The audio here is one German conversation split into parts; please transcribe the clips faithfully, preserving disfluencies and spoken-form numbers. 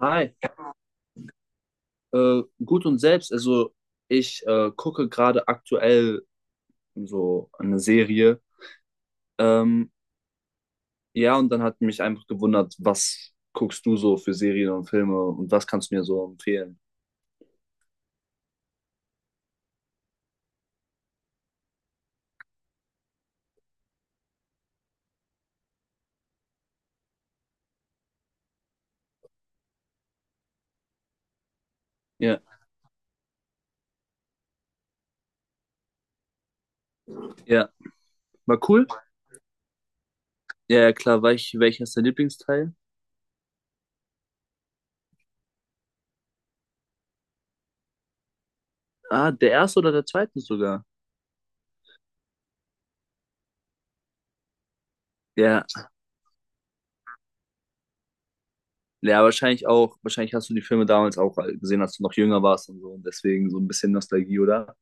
Hi, äh, gut und selbst. Also ich äh, gucke gerade aktuell so eine Serie. Ähm, ja, und dann hat mich einfach gewundert, was guckst du so für Serien und Filme und was kannst du mir so empfehlen? Ja, ja, war cool. Ja, ja, klar. Welch, welcher ist dein Lieblingsteil? Ah, der erste oder der zweite sogar? Ja, ja, wahrscheinlich auch, wahrscheinlich hast du die Filme damals auch gesehen, als du noch jünger warst und so. Und deswegen so ein bisschen Nostalgie, oder?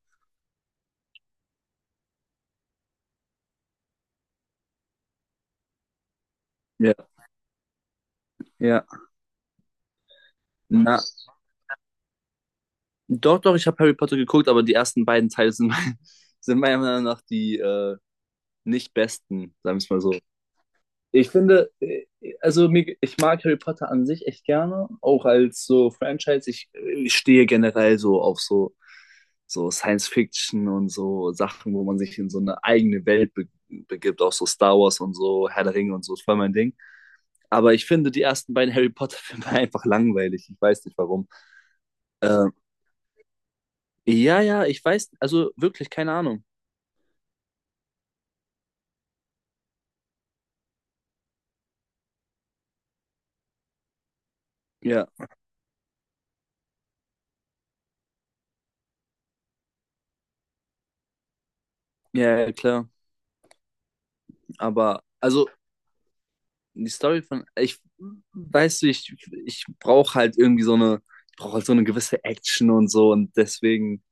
Ja, ja. Na, doch, doch, ich habe Harry Potter geguckt, aber die ersten beiden Teile sind, mein- sind meiner Meinung nach die äh, nicht besten, sagen wir es mal so. Ich finde, äh, also mir, ich mag Harry Potter an sich echt gerne, auch als so Franchise. Ich, ich stehe generell so auf so, so Science Fiction und so Sachen, wo man sich in so eine eigene Welt be begibt, auch so Star Wars und so, Herr der Ringe und so, ist voll mein Ding. Aber ich finde die ersten beiden Harry Potter-Filme einfach langweilig. Ich weiß nicht warum. Ähm, ja, ja, ich weiß, also wirklich, keine Ahnung. Ja, ja, ja, klar. Aber, also die Story von, ich, weißt du, ich, ich brauche halt irgendwie so eine, ich brauche halt so eine gewisse Action und so und deswegen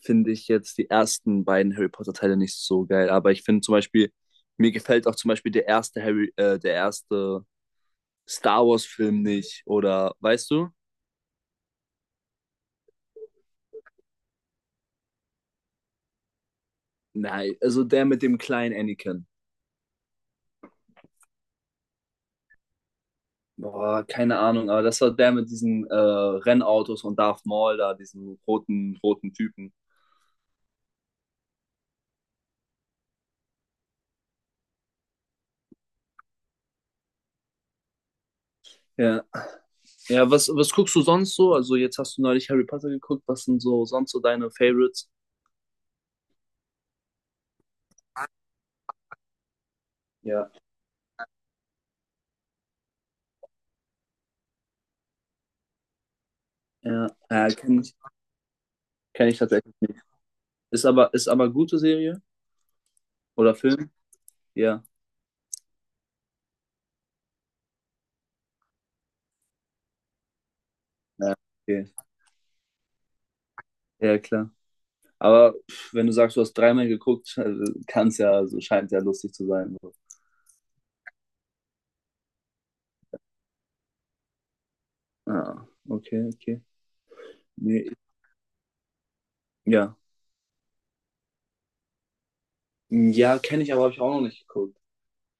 finde ich jetzt die ersten beiden Harry Potter Teile nicht so geil, aber ich finde zum Beispiel, mir gefällt auch zum Beispiel der erste Harry, äh, der erste Star Wars Film nicht oder, weißt du? Nein, also der mit dem kleinen Anakin. Boah, keine Ahnung, aber das war der mit diesen äh, Rennautos und Darth Maul da, diesen roten, roten Typen. Ja. Ja, was, was guckst du sonst so? Also jetzt hast du neulich Harry Potter geguckt. Was sind so sonst so deine Favorites? Ja, Ja, äh, kenne ich, kenn ich tatsächlich. Ist aber, ist aber gute Serie oder Film? Ja, ja, okay. Ja, klar. Aber pff, wenn du sagst, du hast dreimal geguckt, kann es ja, also scheint ja lustig zu sein. So. Ah, okay, okay. Nee, ja. Ja, kenne ich, aber habe ich auch noch nicht geguckt.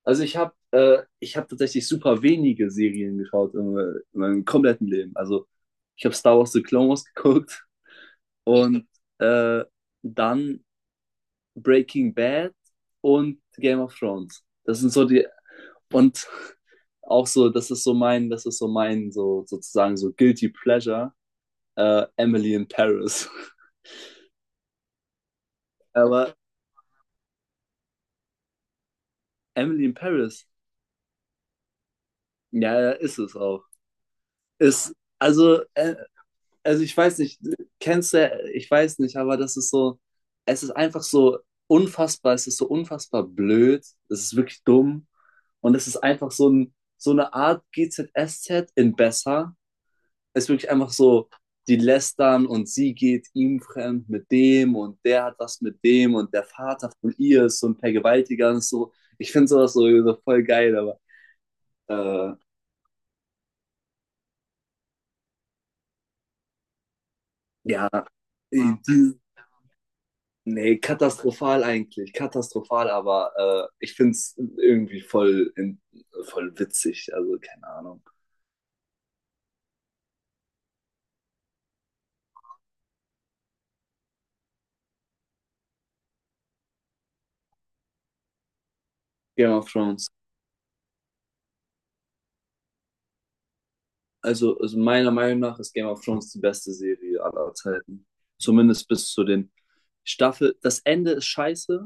Also ich habe äh, ich habe tatsächlich super wenige Serien geschaut in, in meinem kompletten Leben. Also ich habe Star Wars The Clone Wars geguckt und äh, dann Breaking Bad und Game of Thrones. Das sind so die und auch so, das ist so mein, das ist so mein so sozusagen so guilty pleasure äh, Emily in Paris. Aber Emily in Paris, ja, ja, ist es auch. Ist also äh, also ich weiß nicht, kennst du, ich weiß nicht, aber das ist so, es ist einfach so unfassbar, es ist so unfassbar blöd, es ist wirklich dumm und es ist einfach so, ein, so eine Art G Z S Z in besser. Es ist wirklich einfach so, die lästern und sie geht ihm fremd mit dem und der hat was mit dem und der Vater von ihr ist so ein Vergewaltiger und so. Ich finde sowas so, so voll geil, aber äh, ja, die, nee, katastrophal eigentlich, katastrophal, aber äh, ich find's irgendwie voll, in, voll witzig, also keine Ahnung. Game of Thrones. Also, also meiner Meinung nach ist Game of Thrones die beste Serie aller Zeiten. Zumindest bis zu den Staffel. Das Ende ist scheiße,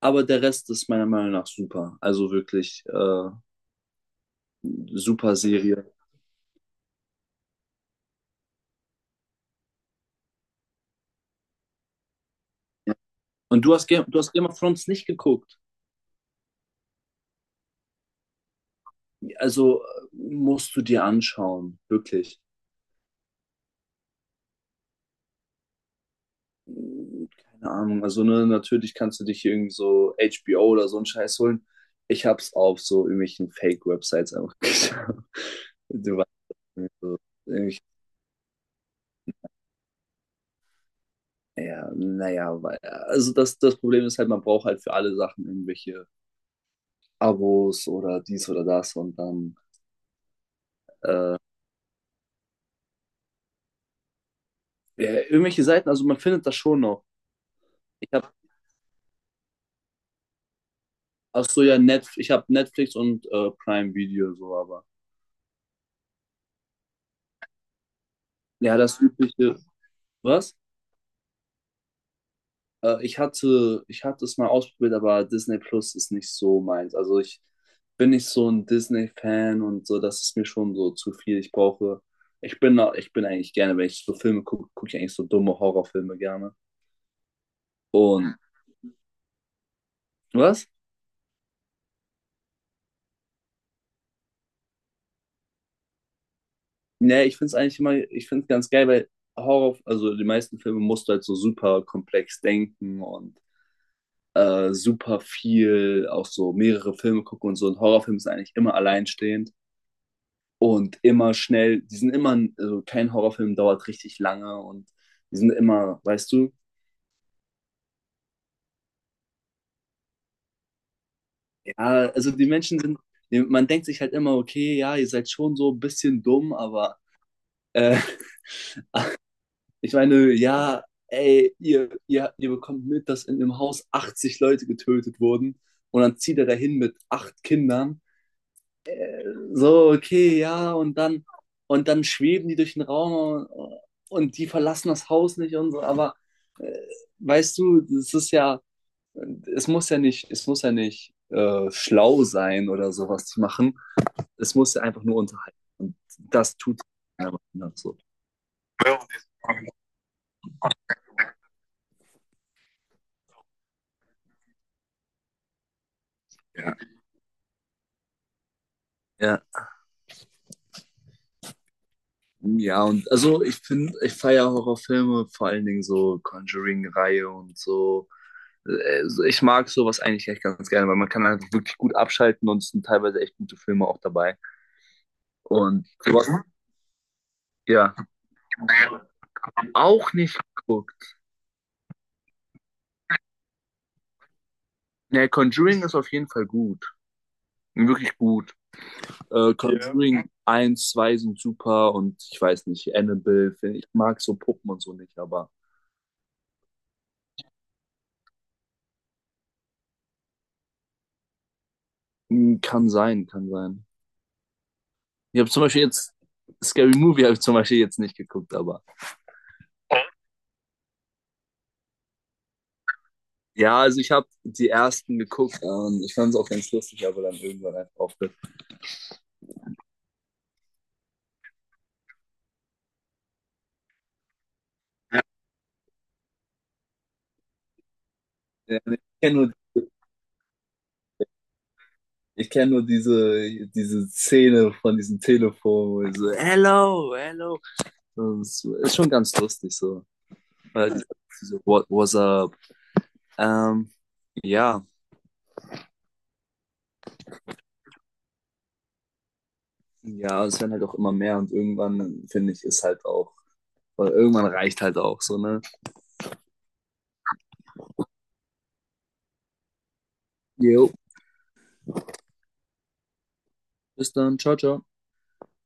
aber der Rest ist meiner Meinung nach super. Also wirklich äh, super Serie. Ja. Und du hast, Game, du hast Game of Thrones nicht geguckt. Also äh, musst du dir anschauen, wirklich. Keine Ahnung. Also, ne, natürlich kannst du dich hier irgendwie so H B O oder so einen Scheiß holen. Ich hab's auf so irgendwelchen Fake-Websites einfach geschaut. Du weißt, irgendwie so, irgendwie- ja, naja, weil, also das, das Problem ist halt, man braucht halt für alle Sachen irgendwelche Abos oder dies oder das und dann ja, irgendwelche Seiten, also man findet das schon noch. Ich hab, ach so, ja, net ich hab Netflix und äh, Prime Video so, aber ja, das übliche, was? Äh, ich hatte, ich hatte es mal ausprobiert, aber Disney Plus ist nicht so meins. Also ich bin nicht so ein Disney-Fan und so, das ist mir schon so zu viel. Ich brauche, ich bin, da- ich bin eigentlich gerne, wenn ich so Filme gucke, gucke ich eigentlich so dumme Horrorfilme gerne. Und was? Nee, ich finde es eigentlich immer, ich finde es ganz geil, weil Horror, also die meisten Filme musst du halt so super komplex denken und äh, super viel, auch so mehrere Filme gucken und so. Ein Horrorfilm ist eigentlich immer alleinstehend. Und immer schnell, die sind immer, also kein Horrorfilm dauert richtig lange und die sind immer, weißt du, ja, also die Menschen sind, die- man denkt sich halt immer, okay, ja, ihr seid schon so ein bisschen dumm, aber äh, ich meine, ja, ey, ihr, ihr, ihr bekommt mit, dass in dem Haus achtzig Leute getötet wurden und dann zieht er dahin mit acht Kindern. So, okay, ja, und dann, und dann schweben die durch den Raum und, und die verlassen das Haus nicht und so, aber äh, weißt du, das ist ja, es muss ja nicht, es muss ja nicht äh, schlau sein oder sowas zu machen. Es muss ja einfach nur unterhalten. Und das tut keiner anders so. Ja. Ja. Ja, und also ich finde, ich feiere Horrorfilme, vor allen Dingen so Conjuring-Reihe und so. Äh, so, ich mag sowas eigentlich echt ganz gerne, weil man kann einfach wirklich gut abschalten und es sind teilweise echt gute Filme auch dabei. Und sowas, ja, auch nicht geguckt. Ne, Conjuring ist auf jeden Fall gut. Wirklich gut. Äh, Conjuring eins, zwei sind super und ich weiß nicht, Annabelle, find ich mag so Puppen und so nicht, aber mh, kann sein, kann sein. Ich habe zum Beispiel jetzt Scary Movie habe ich zum Beispiel jetzt nicht geguckt, aber ja, also ich habe die ersten geguckt und ich fand es auch ganz lustig, aber dann irgendwann einfach aufgehört. Ja, ich kenne nur, ich kenn nur diese, diese Szene von diesem Telefon, wo ich so, hello, hello. Und ist schon ganz lustig so. Weil diese- What, what's up? Ähm, ja, ja, es werden halt auch immer mehr und irgendwann, finde ich, ist halt auch, weil irgendwann reicht halt auch so, ne? Jo, bis dann, ciao, ciao.